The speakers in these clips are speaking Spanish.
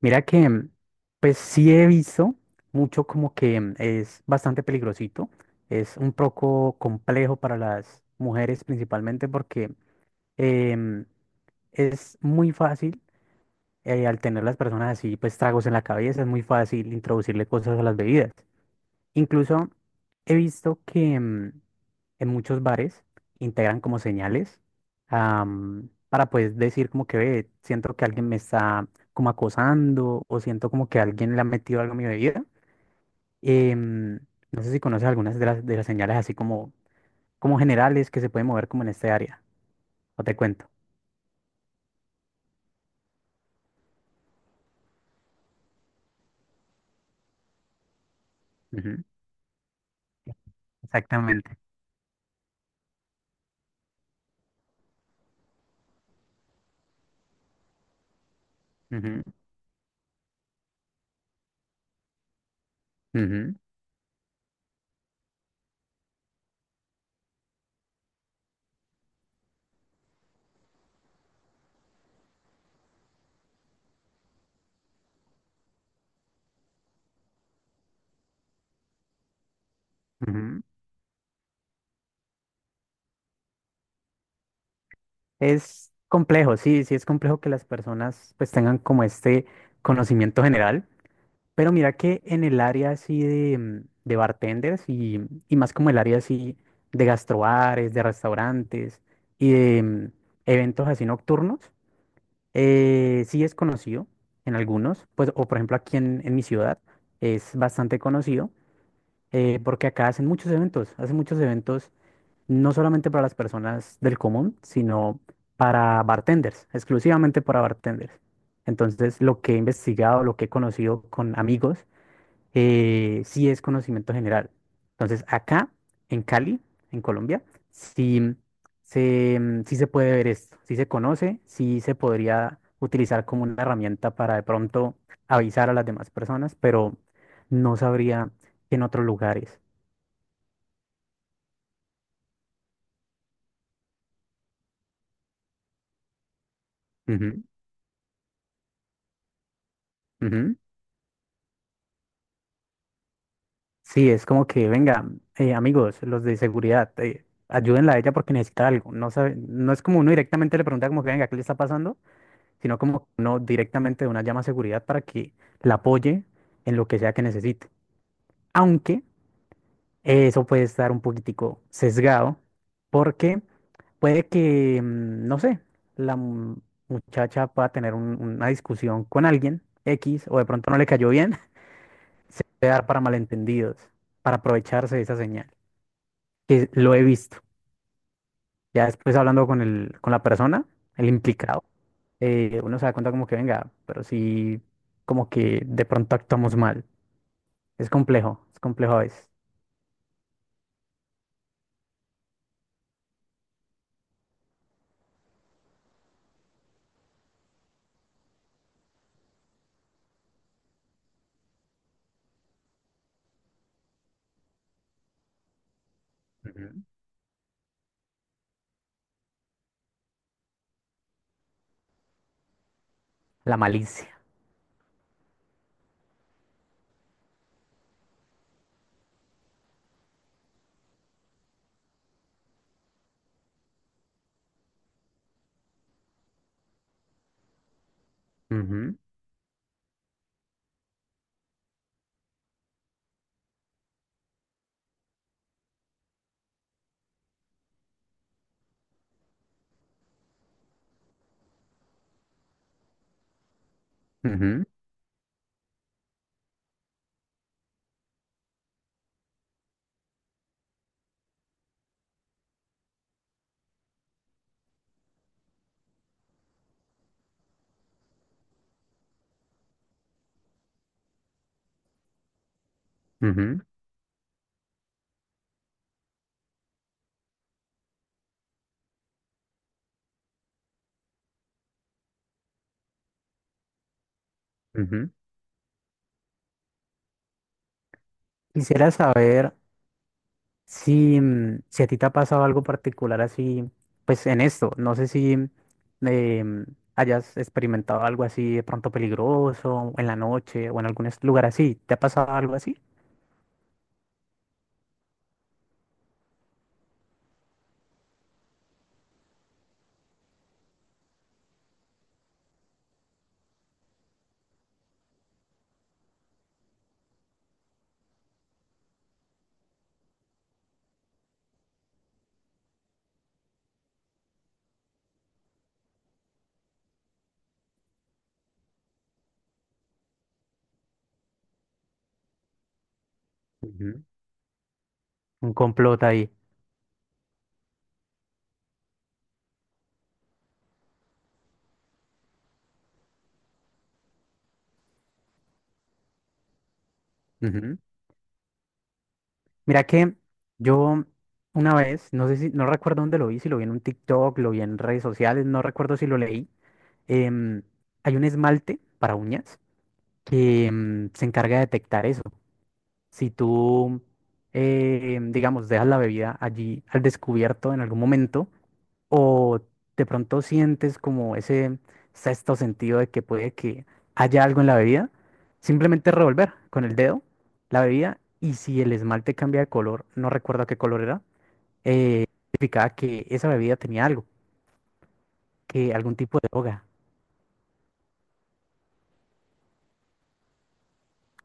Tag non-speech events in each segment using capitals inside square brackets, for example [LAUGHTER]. Mira que, pues sí he visto mucho como que es bastante peligrosito, es un poco complejo para las mujeres principalmente porque em, es muy fácil al tener las personas así, pues tragos en la cabeza, es muy fácil introducirle cosas a las bebidas. Incluso he visto que en muchos bares integran como señales, para pues decir como que ve, siento que alguien me está como acosando o siento como que alguien le ha metido algo a mi bebida. Em, no sé si conoces algunas de las señales así como, como generales que se pueden mover como en este área. O te cuento. Ujú. Exactamente. Ujú, ujú, ujú. Es complejo, sí, sí es complejo que las personas pues tengan como este conocimiento general. Pero mira que en el área así de, de bartenders y más como el área así de gastrobares, de restaurantes y de eventos así nocturnos, sí es conocido en algunos, pues, o por ejemplo aquí en mi ciudad es bastante conocido, porque acá hacen muchos eventos no solamente para las personas del común, sino para bartenders, exclusivamente para bartenders. Entonces, lo que he investigado, lo que he conocido con amigos, sí es conocimiento general. Entonces, acá, en Cali, en Colombia, sí sí se puede ver esto, sí se conoce, sí se podría utilizar como una herramienta para de pronto avisar a las demás personas, pero no sabría que en otros lugares. Ujú, ujú. Sí, es como que, venga, amigos, los de seguridad, ayúdenla a ella porque necesita algo. No sabe, no es como uno directamente le pregunta como que, venga, ¿qué le está pasando? Sino como no directamente de una llama a seguridad para que la apoye en lo que sea que necesite. Aunque eso puede estar un poquitico sesgado porque puede que, no sé, la mu- muchacha pueda tener una discusión con alguien X o de pronto no le cayó bien, [LAUGHS] se puede dar para malentendidos, para aprovecharse de esa señal, que lo he visto. Ya después hablando con el, con la persona, el implicado, uno se da cuenta como que venga, pero sí, como que de pronto actuamos mal. Es complejo a veces. Ujú. La malicia. Ujú, ujú, ujú, ujú. Quisiera saber si, si a ti te ha pasado algo particular así, pues en esto. No sé si eh, hayas experimentado algo así de pronto peligroso o en la noche o en algún lugar así. ¿Te ha pasado algo así? Ujú. Un complot ahí. Ujú. Mira que yo una vez, no sé si, no recuerdo dónde lo vi, si lo vi en un TikTok, lo vi en redes sociales, no recuerdo si lo leí. em, Hay un esmalte para uñas que se encarga de detectar eso. Si tú, digamos, dejas la bebida allí al descubierto en algún momento, o de pronto sientes como ese sexto sentido de que puede que haya algo en la bebida. Simplemente revolver con el dedo la bebida y si el esmalte cambia de color, no recuerdo qué color era, eh, significaba que esa bebida tenía algo, que algún tipo de droga.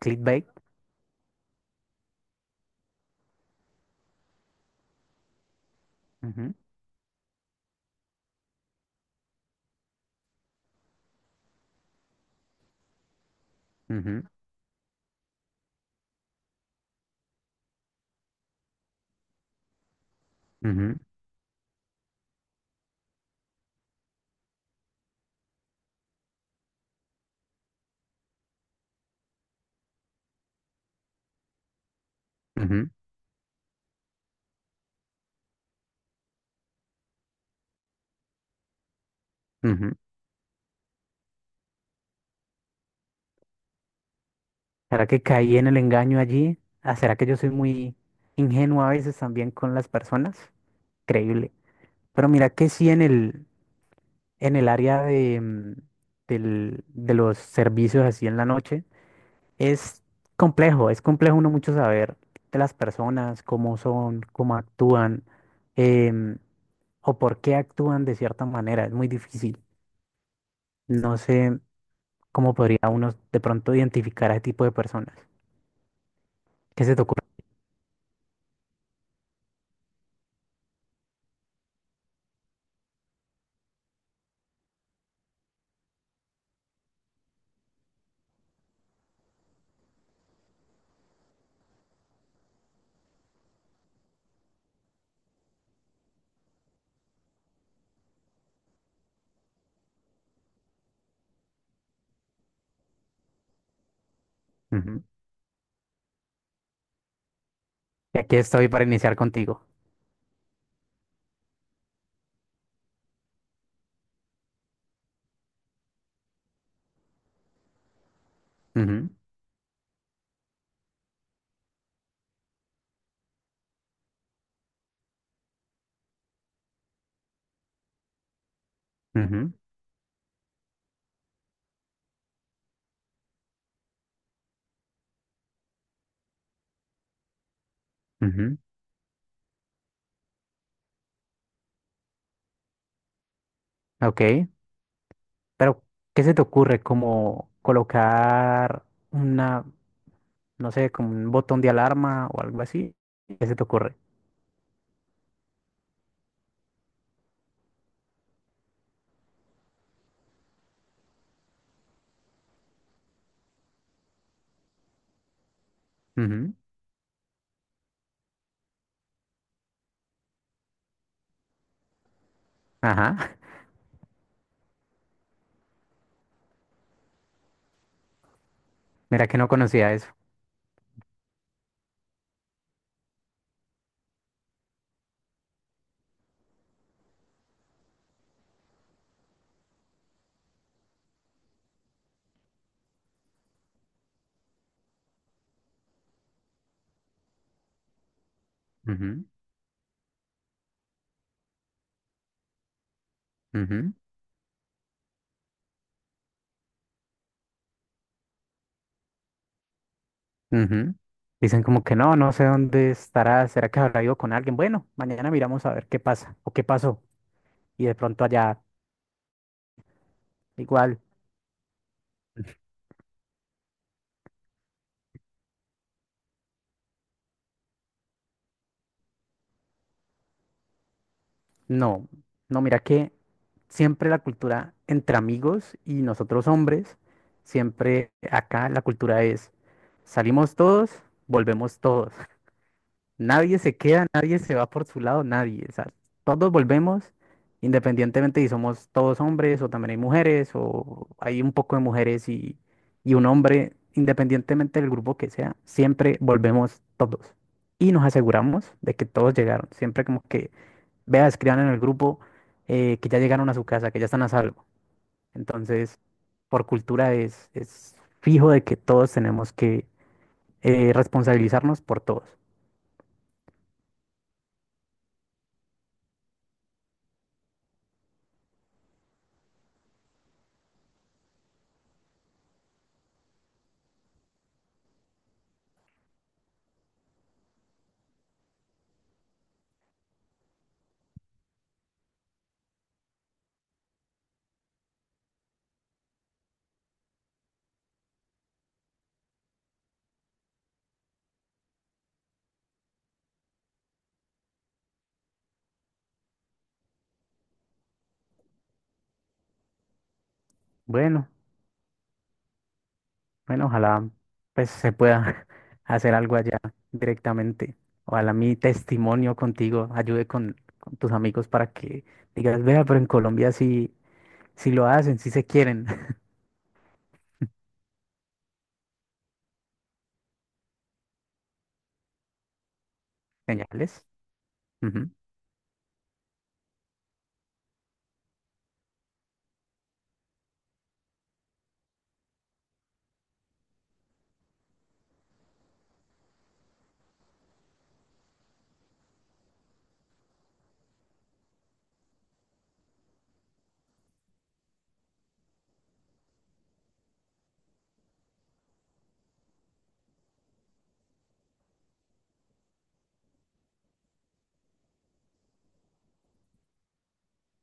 Clickbait. Ujú, ujú, ujú, ujú, ujú. ¿Será que caí en el engaño allí? Ah, ¿será que yo soy muy ingenuo a veces también con las personas? Increíble. Pero mira que sí en el área de, de los servicios así en la noche, es es complejo uno mucho saber de las personas, cómo son, cómo actúan, em, o por qué actúan de cierta manera, es muy difícil. No sé cómo podría uno de pronto identificar a ese tipo de personas. ¿Qué se te ocurre? Ujú. Y aquí estoy para iniciar contigo. Ujú, ujú, ujú. Ok, pero ¿qué se te ocurre? Como colocar una... no sé, como un botón de alarma o algo así. ¿Qué se te ocurre? Ujú. Ajá, [LAUGHS] mira que no conocía eso. Ujú, ujú, ujú. Dicen como que no, no sé dónde estará, será que habrá ido con alguien. Bueno, mañana miramos a ver qué pasa o qué pasó. Y de pronto allá, igual, no, no, mira que siempre la cultura entre amigos y nosotros hombres, siempre acá la cultura es salimos todos, volvemos todos. [LAUGHS] Nadie se queda, nadie se va por su lado, nadie. O sea, todos volvemos, independientemente si somos todos hombres o también hay mujeres o hay un poco de mujeres y un hombre, independientemente del grupo que sea, siempre volvemos todos. Y nos aseguramos de que todos llegaron. Siempre como que, vea, escriban en el grupo que ya llegaron a su casa, que ya están a salvo. Entonces, por cultura es fijo de que todos tenemos que responsabilizarnos por todos. Bueno. Bueno, ojalá pues se pueda [LAUGHS] hacer algo allá directamente. Ojalá mi testimonio contigo ayude con tus amigos para que digas, vea, pero en Colombia sí, sí lo hacen, sí se quieren. [LAUGHS] Señales. Ujú,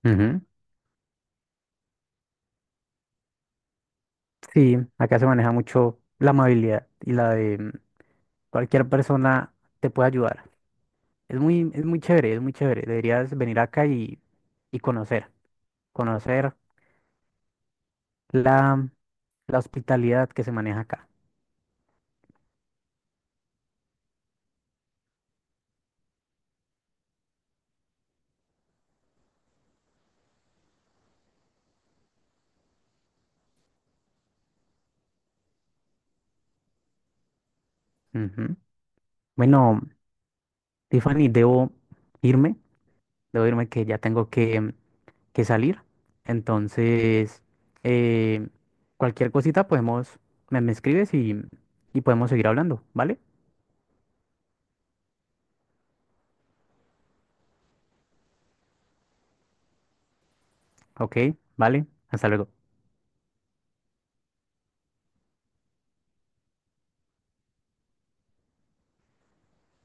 ujú. Sí, acá se maneja mucho la amabilidad y la de cualquier persona te puede ayudar. Es muy chévere, es muy chévere. Deberías venir acá y conocer, conocer la, la hospitalidad que se maneja acá. Ujú. Bueno. Tiffany, irme, debo irme que ya tengo que salir. Entonces, eh, cualquier cosita podemos, me escribes y podemos seguir hablando, ¿vale? Ok, vale, hasta luego.